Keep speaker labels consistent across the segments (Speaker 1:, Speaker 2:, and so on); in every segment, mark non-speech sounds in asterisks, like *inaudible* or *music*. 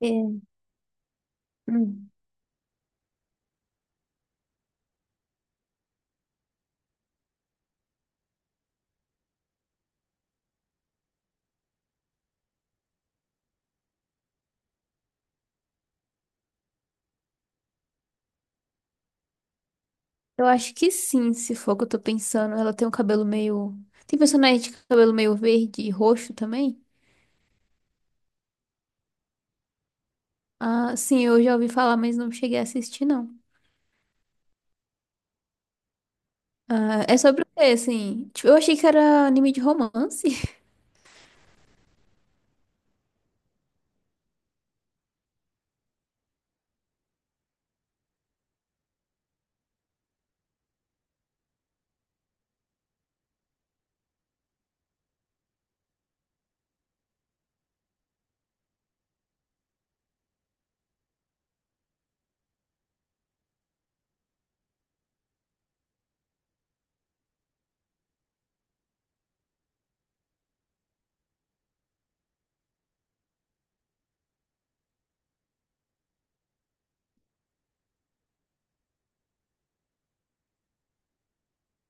Speaker 1: É. Hum. Eu acho que sim, se for o que eu tô pensando. Ela tem um cabelo meio. Tem personagem de cabelo meio verde e roxo também? Ah, sim, eu já ouvi falar, mas não cheguei a assistir, não. Ah, é sobre o quê, assim? Tipo, eu achei que era anime de romance.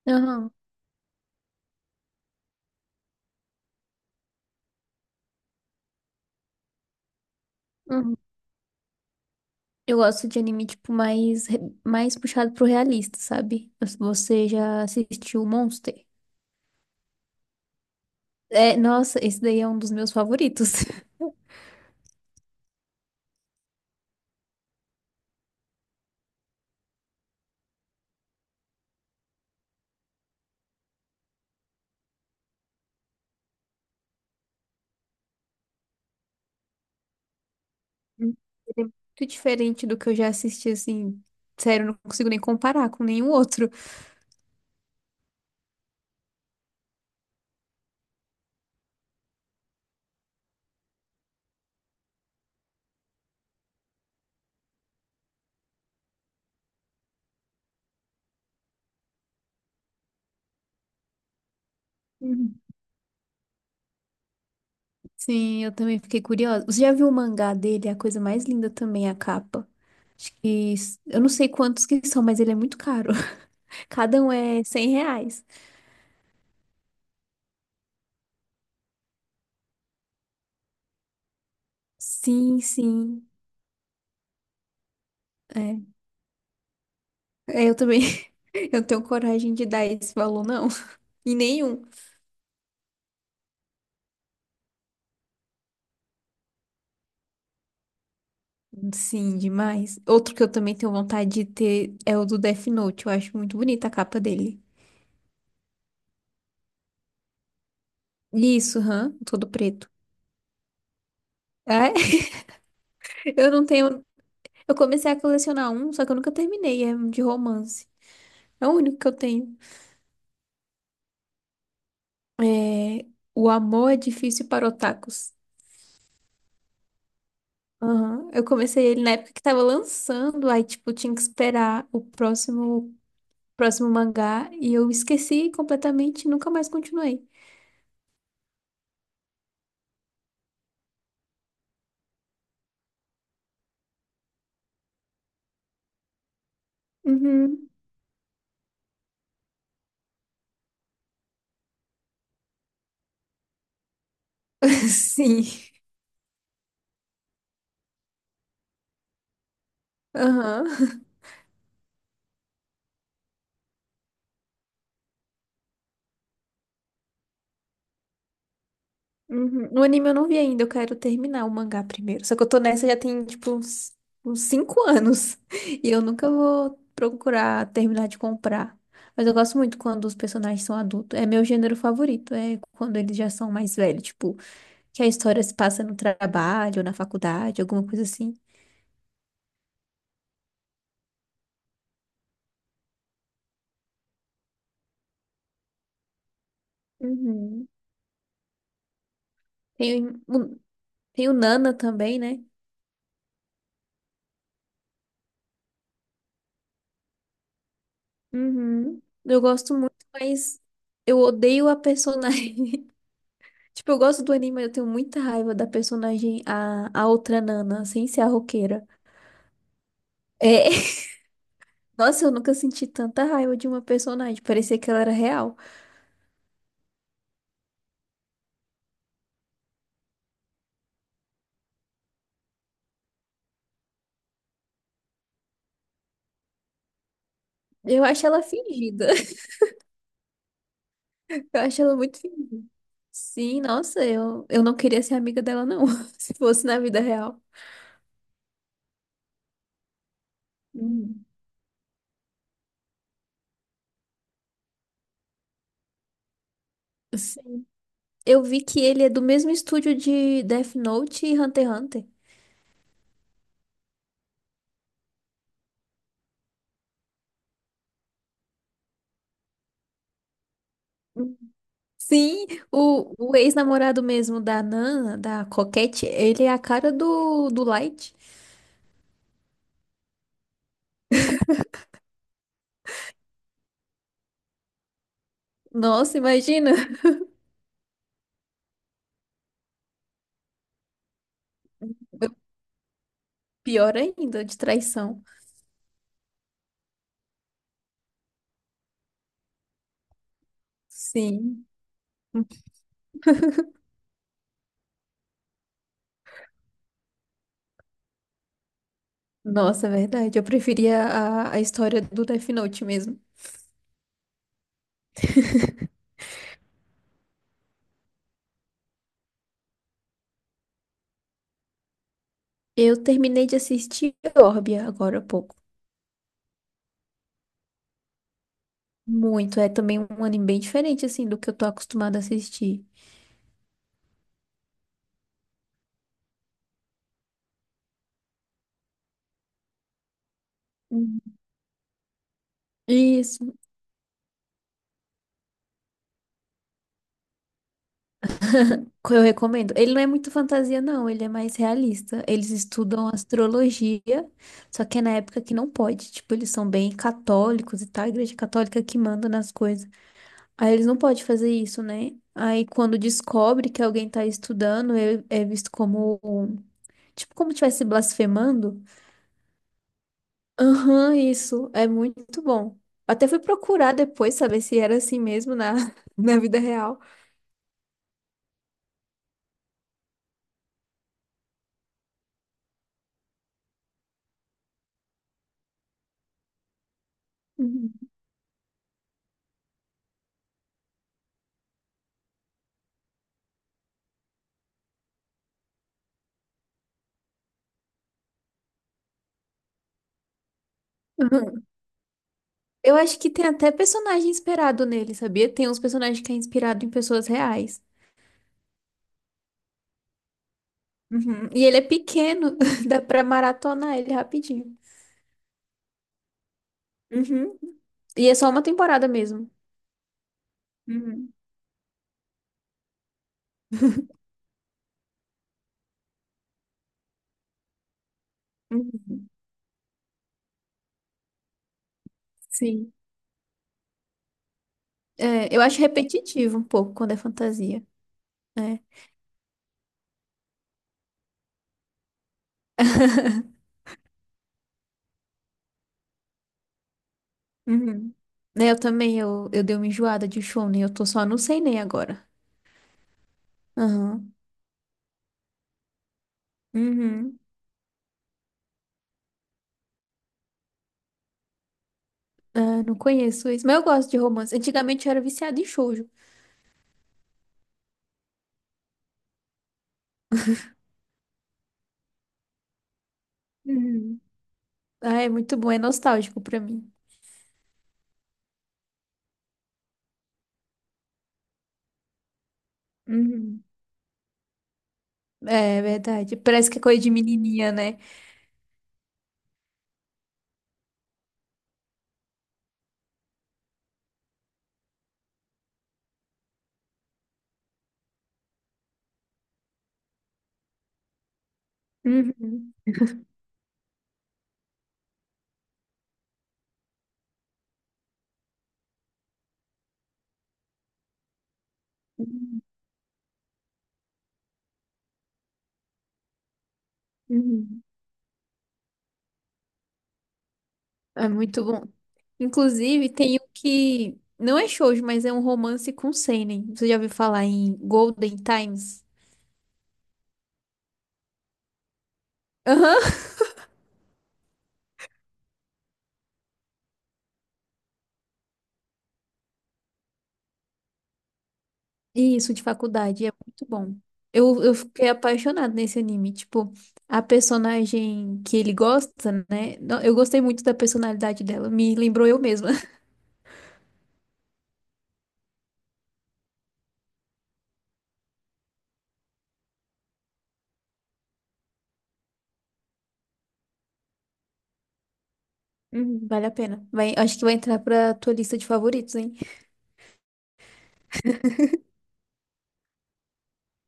Speaker 1: *laughs* Aham. Uhum. Eu gosto de anime, tipo, mais, mais puxado pro realista, sabe? Você já assistiu Monster? É, nossa, esse daí é um dos meus favoritos. *laughs* Ele é muito diferente do que eu já assisti, assim. Sério, eu não consigo nem comparar com nenhum outro. Uhum. Sim, eu também fiquei curiosa. Você já viu o mangá dele? É a coisa mais linda também, a capa. Acho que... Eu não sei quantos que são, mas ele é muito caro. *laughs* Cada um é R$ 100. Sim, sim. É. É, eu também. *laughs* Eu não tenho coragem de dar esse valor, não. E nenhum. Sim, demais. Outro que eu também tenho vontade de ter é o do Death Note. Eu acho muito bonita a capa dele. Isso, hã? Todo preto. É? *laughs* Eu não tenho. Eu comecei a colecionar um, só que eu nunca terminei. É um de romance. É o único que eu tenho. É... O Amor é Difícil para Otakus. Aham. Eu comecei ele na época que tava lançando, aí, tipo, tinha que esperar o próximo, próximo mangá e eu esqueci completamente e nunca mais continuei. Uhum. *laughs* Sim. Aham. Uhum. O anime eu não vi ainda, eu quero terminar o mangá primeiro. Só que eu tô nessa já tem, tipo, uns cinco *laughs* anos. E eu nunca vou procurar terminar de comprar. Mas eu gosto muito quando os personagens são adultos. É meu gênero favorito, é quando eles já são mais velhos. Tipo, que a história se passa no trabalho, na faculdade, alguma coisa assim. Uhum. Tem, tem o Nana também, né? Uhum. Eu gosto muito, mas eu odeio a personagem. *laughs* Tipo, eu gosto do anime, mas eu tenho muita raiva da personagem, a outra Nana, sem ser a roqueira. É. *laughs* Nossa, eu nunca senti tanta raiva de uma personagem. Parecia que ela era real. Eu acho ela fingida. *laughs* Eu acho ela muito fingida. Sim, nossa, eu não queria ser amiga dela, não. *laughs* Se fosse na vida real. Hum. Sim. Eu vi que ele é do mesmo estúdio de Death Note e Hunter x Hunter. Hum. Sim, o ex-namorado mesmo da Nana, da Coquette, ele é a cara do, do Light. Nossa, imagina. Pior ainda, de traição. Sim. Nossa, é verdade. Eu preferia a história do Death Note mesmo. Eu terminei de assistir Orbia agora há pouco. Muito. É também um anime bem diferente, assim, do que eu tô acostumada a assistir. Uhum. Isso. *laughs* Eu recomendo. Ele não é muito fantasia, não. Ele é mais realista. Eles estudam astrologia, só que é na época que não pode. Tipo, eles são bem católicos e tal. A Igreja Católica que manda nas coisas. Aí eles não podem fazer isso, né? Aí quando descobre que alguém tá estudando, é, é visto como, tipo, como tivesse blasfemando. Aham, isso. É muito bom. Até fui procurar depois saber se era assim mesmo na, *laughs* na vida real. Uhum. Aham. Eu acho que tem até personagem inspirado nele, sabia? Tem uns personagens que é inspirado em pessoas reais. Uhum. E ele é pequeno, *laughs* dá pra maratonar ele rapidinho. Uhum. E é só uma temporada mesmo. Uhum. Uhum. Sim. É, eu acho repetitivo um pouco quando é fantasia. Né? *laughs* Uhum. Né, eu também, eu dei uma enjoada de Shonen, eu tô só no seinen agora. Aham. Uhum. Ah, não conheço isso, mas eu gosto de romance. Antigamente eu era viciada em shoujo. Uhum. Ah, é muito bom, é nostálgico pra mim. Uhum. É verdade, parece que é coisa de menininha, né? Uhum. Uhum. Uhum. É muito bom. Inclusive, tem um que não é shoujo, mas é um romance com seinen. Você já ouviu falar em Golden Times? Aham. Isso, de faculdade. É muito bom. Eu fiquei apaixonada nesse anime. Tipo, a personagem que ele gosta, né? Não, eu gostei muito da personalidade dela. Me lembrou eu mesma. *laughs* Uhum, vale a pena. Vai, acho que vai entrar pra tua lista de favoritos, hein?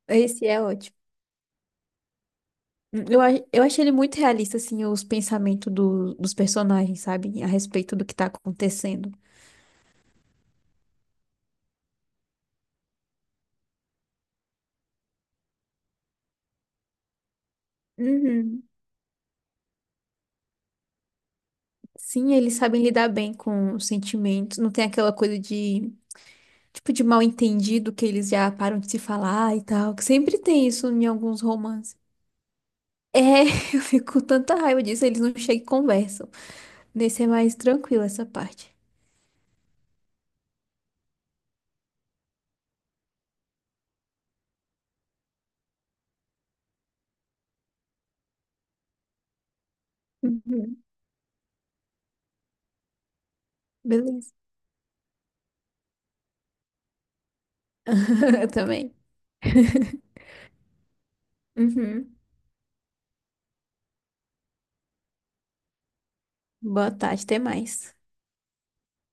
Speaker 1: Esse é ótimo. Eu, eu achei ele muito realista, assim, os pensamentos dos personagens, sabe? A respeito do que tá acontecendo. Uhum. Sim, eles sabem lidar bem com os sentimentos. Não tem aquela coisa de, tipo, de mal entendido que eles já param de se falar e tal. Que sempre tem isso em alguns romances. É, *laughs* eu fico com tanta raiva disso, eles não chegam e conversam. Nesse é mais tranquilo essa parte. Uhum. Beleza. *laughs* Eu também. *laughs* Uhum. Boa tarde, até mais.